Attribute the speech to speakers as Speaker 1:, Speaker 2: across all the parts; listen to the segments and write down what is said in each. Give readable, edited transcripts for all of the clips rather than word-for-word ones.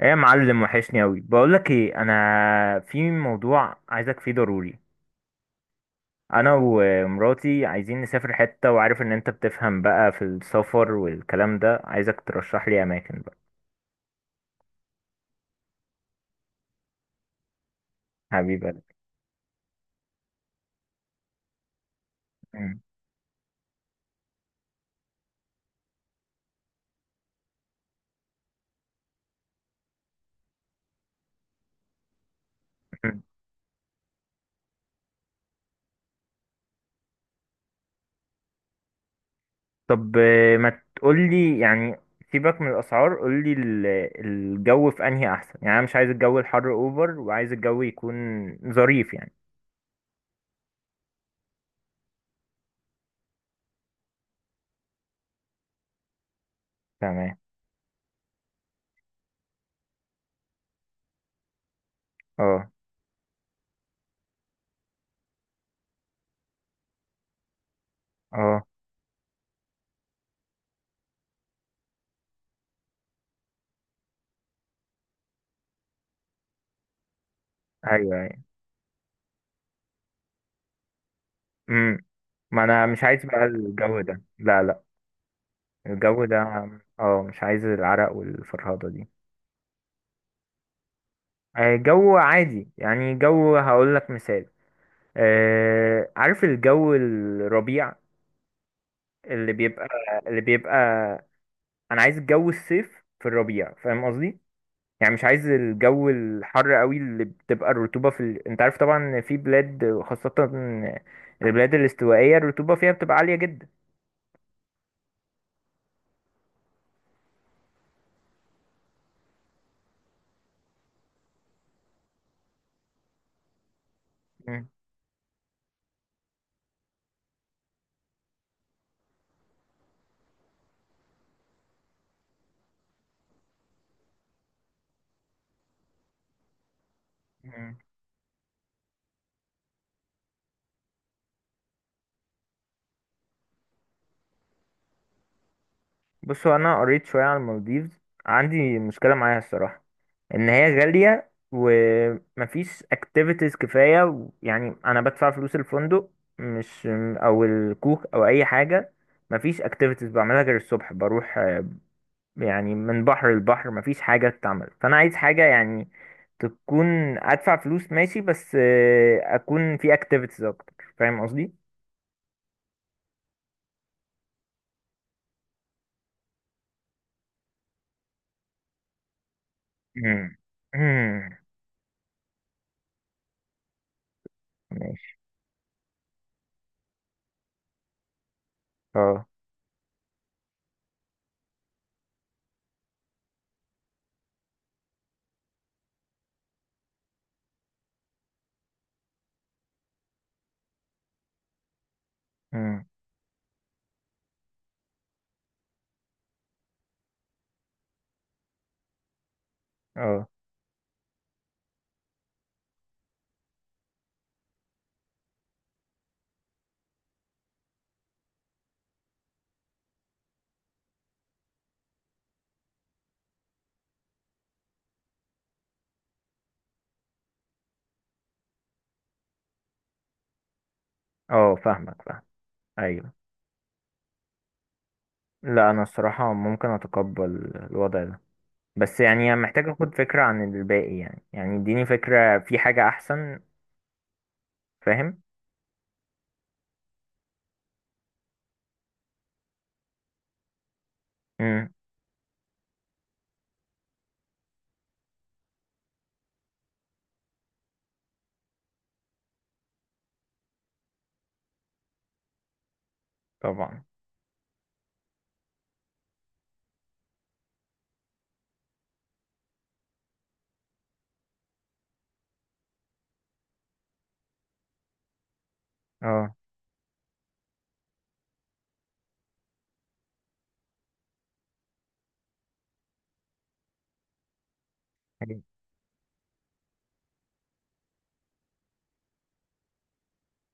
Speaker 1: ايه يا معلم، وحشني اوي. بقولك ايه، انا في موضوع عايزك فيه ضروري. انا ومراتي عايزين نسافر حتة، وعارف ان انت بتفهم بقى في السفر والكلام ده، عايزك ترشح لي اماكن بقى. حبيبي. مم. مم. طب، ما تقولي يعني. سيبك من الاسعار، قولي الجو في انهي احسن، يعني انا مش عايز الجو الحر اوفر، وعايز الجو يكون ظريف يعني. تمام. اه، اه. ايوه، ايوه. مم. ما انا مش عايز بقى الجو ده، لا، لا. الجو ده، اه، مش عايز العرق والفرهضة دي. جو عادي، يعني جو، هقول لك مثال. عارف الجو الربيع اللي بيبقى اللي بيبقى انا عايز الجو الصيف في الربيع، فاهم قصدي. يعني مش عايز الجو الحر قوي، اللي بتبقى الرطوبة انت عارف طبعا إن في بلاد خاصة، البلاد الاستوائية الرطوبة فيها بتبقى عالية جدا. مم. مم. بصوا، انا قريت شوية عن المالديفز. عندي مشكلة معاها الصراحة، ان هي غالية ومفيش اكتيفيتيز كفاية، يعني انا بدفع فلوس الفندق، مش او الكوك او اي حاجة. مفيش اكتيفيتيز بعملها غير الصبح بروح، يعني من بحر لبحر مفيش حاجة تتعمل، فانا عايز حاجة يعني تكون. ادفع فلوس ماشي، بس اكون في اكتيفيتيز اكتر، فاهم قصدي. مم. مم. ماشي. اه. مم. اه، اه. فاهمك، فاهم. ايوه. لا، انا الصراحة ممكن اتقبل الوضع ده، بس يعني أنا محتاج اخد فكرة عن الباقي، يعني اديني فكرة في حاجة احسن. فاهم. امم. طبعا. اه.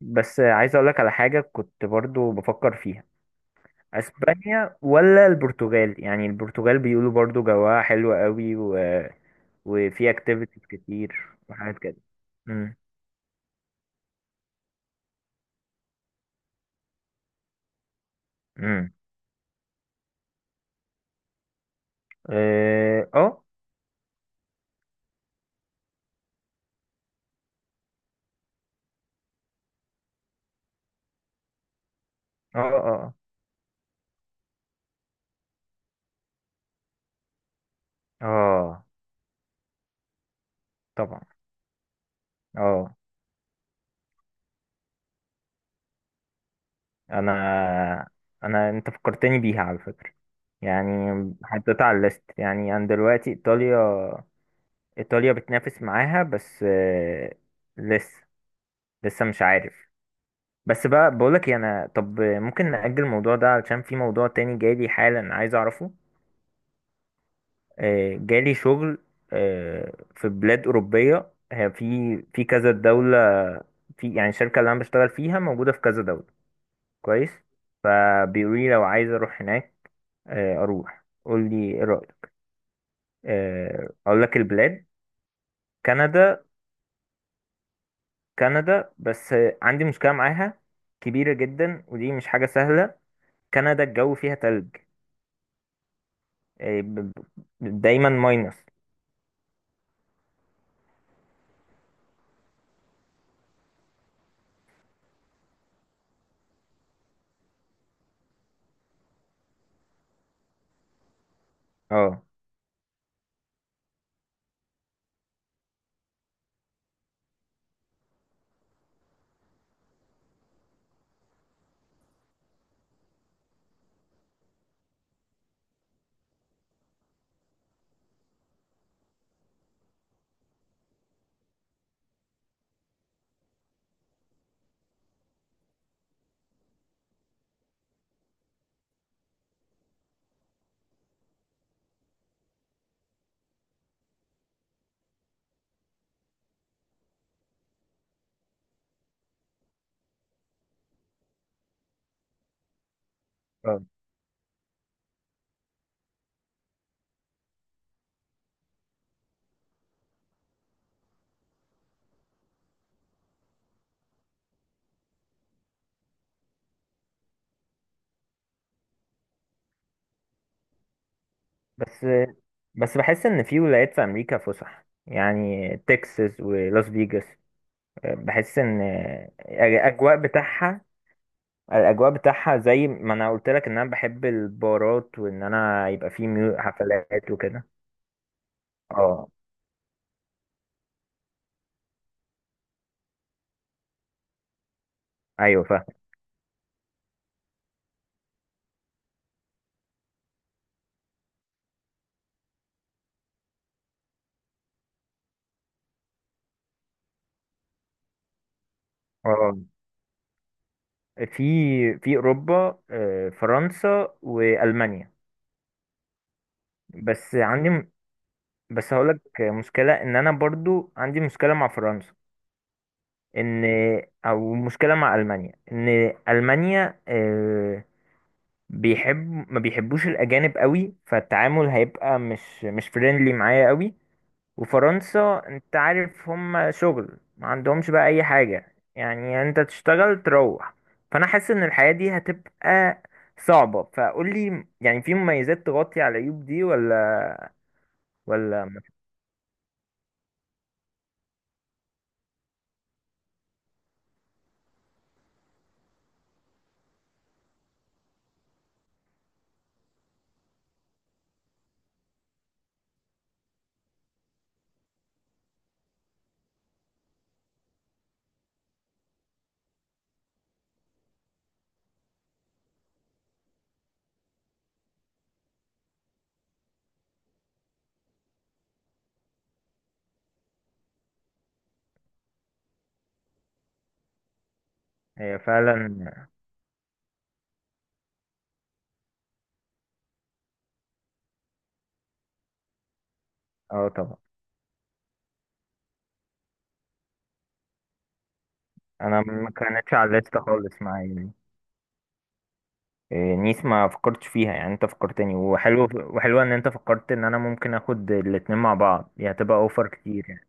Speaker 1: بس عايز اقولك على حاجة كنت برضو بفكر فيها. اسبانيا ولا البرتغال، يعني البرتغال بيقولوا برضو جواها حلو قوي، وفي اكتيفيتيز كتير وحاجات كده. امم امم. اه، اه، اه، اه. طبعا. اه. انا انا انت فكرتني بيها على فكرة، يعني حطيتها على الليست، يعني انا دلوقتي ايطاليا، ايطاليا بتنافس معاها، بس لسه لسه مش عارف. بس بقى بقولك إيه، انا طب ممكن نأجل الموضوع ده علشان في موضوع تاني جالي حالا عايز اعرفه. جالي شغل. في بلاد أوروبية، هي في كذا دولة. في يعني الشركة اللي أنا بشتغل فيها موجودة في كذا دولة. كويس. فبيقولي لو عايز أروح هناك، اروح، قول لي ايه رايك. اقول لك البلاد. كندا. كندا، بس عندي مشكله معاها كبيره جدا، ودي مش حاجه سهله. كندا الجو فيها تلج، آه، ب- دايما ماينس. اه، اه. بس بحس ان في ولايات في امريكا فسح، يعني تكساس ولاس فيجاس. بحس ان الاجواء بتاعها الاجواء بتاعها زي ما انا قلت لك ان انا بحب البارات، وان انا يبقى في حفلات وكده. اه. ايوه، فاهم. اه، في اوروبا، فرنسا والمانيا. بس عندي م- بس هقولك مشكله ان انا برضو عندي مشكله مع فرنسا. ان او مشكله مع المانيا، ان المانيا بيحب ما بيحبوش الاجانب قوي، فالتعامل هيبقى مش فريندلي معايا قوي. وفرنسا انت عارف هم شغل، ما عندهمش بقى اي حاجة يعني، انت تشتغل تروح. فانا حاسس ان الحياة دي هتبقى صعبة، فقول لي يعني في مميزات تغطي على العيوب دي ولا؟ ولا م- هي فعلا، اه، طبعا. انا ما كانتش على الليست خالص معايا يعني. إيه، نيس، ما فكرتش فيها، يعني انت فكرتني، وحلو، وحلوة ان انت فكرت ان انا ممكن اخد الاتنين مع بعض، دي هتبقى اوفر كتير يعني.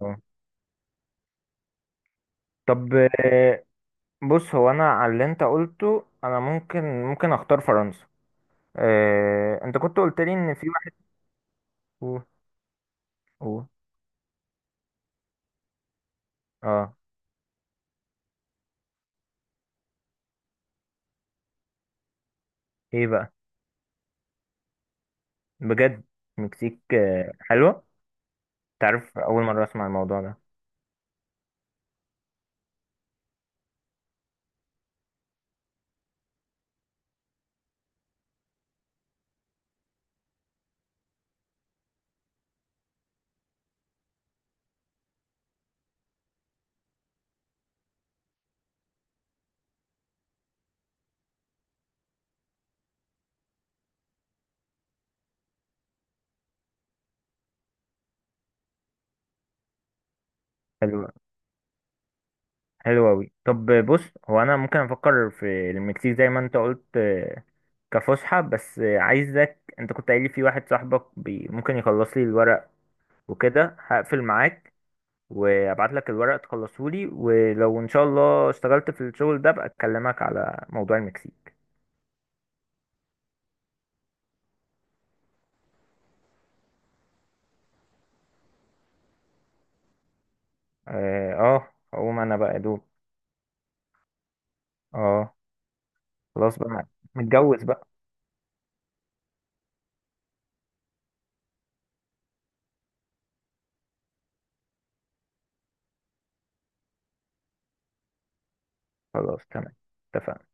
Speaker 1: اه. طب، بص، هو انا على اللي انت قلته، انا ممكن اختار فرنسا. اه، انت كنت قلت لي ان في واحد. أوه، أوه. اه. ايه بقى؟ بجد؟ مكسيك، حلوة. تعرف، اول مرة اسمع الموضوع ده. حلو، حلو اوي، طب بص. هو انا ممكن افكر في المكسيك زي ما انت قلت، كفسحة، بس عايزك، انت كنت قايل لي في واحد صاحبك ممكن يخلص لي الورق وكده، هقفل معاك، وابعت لك الورق تخلصهولي، ولو ان شاء الله اشتغلت في الشغل ده بقى اكلمك على موضوع المكسيك. اه، هقوم انا بقى يا دوب. اه. خلاص بقى، متجوز بقى. خلاص، تمام، اتفقنا.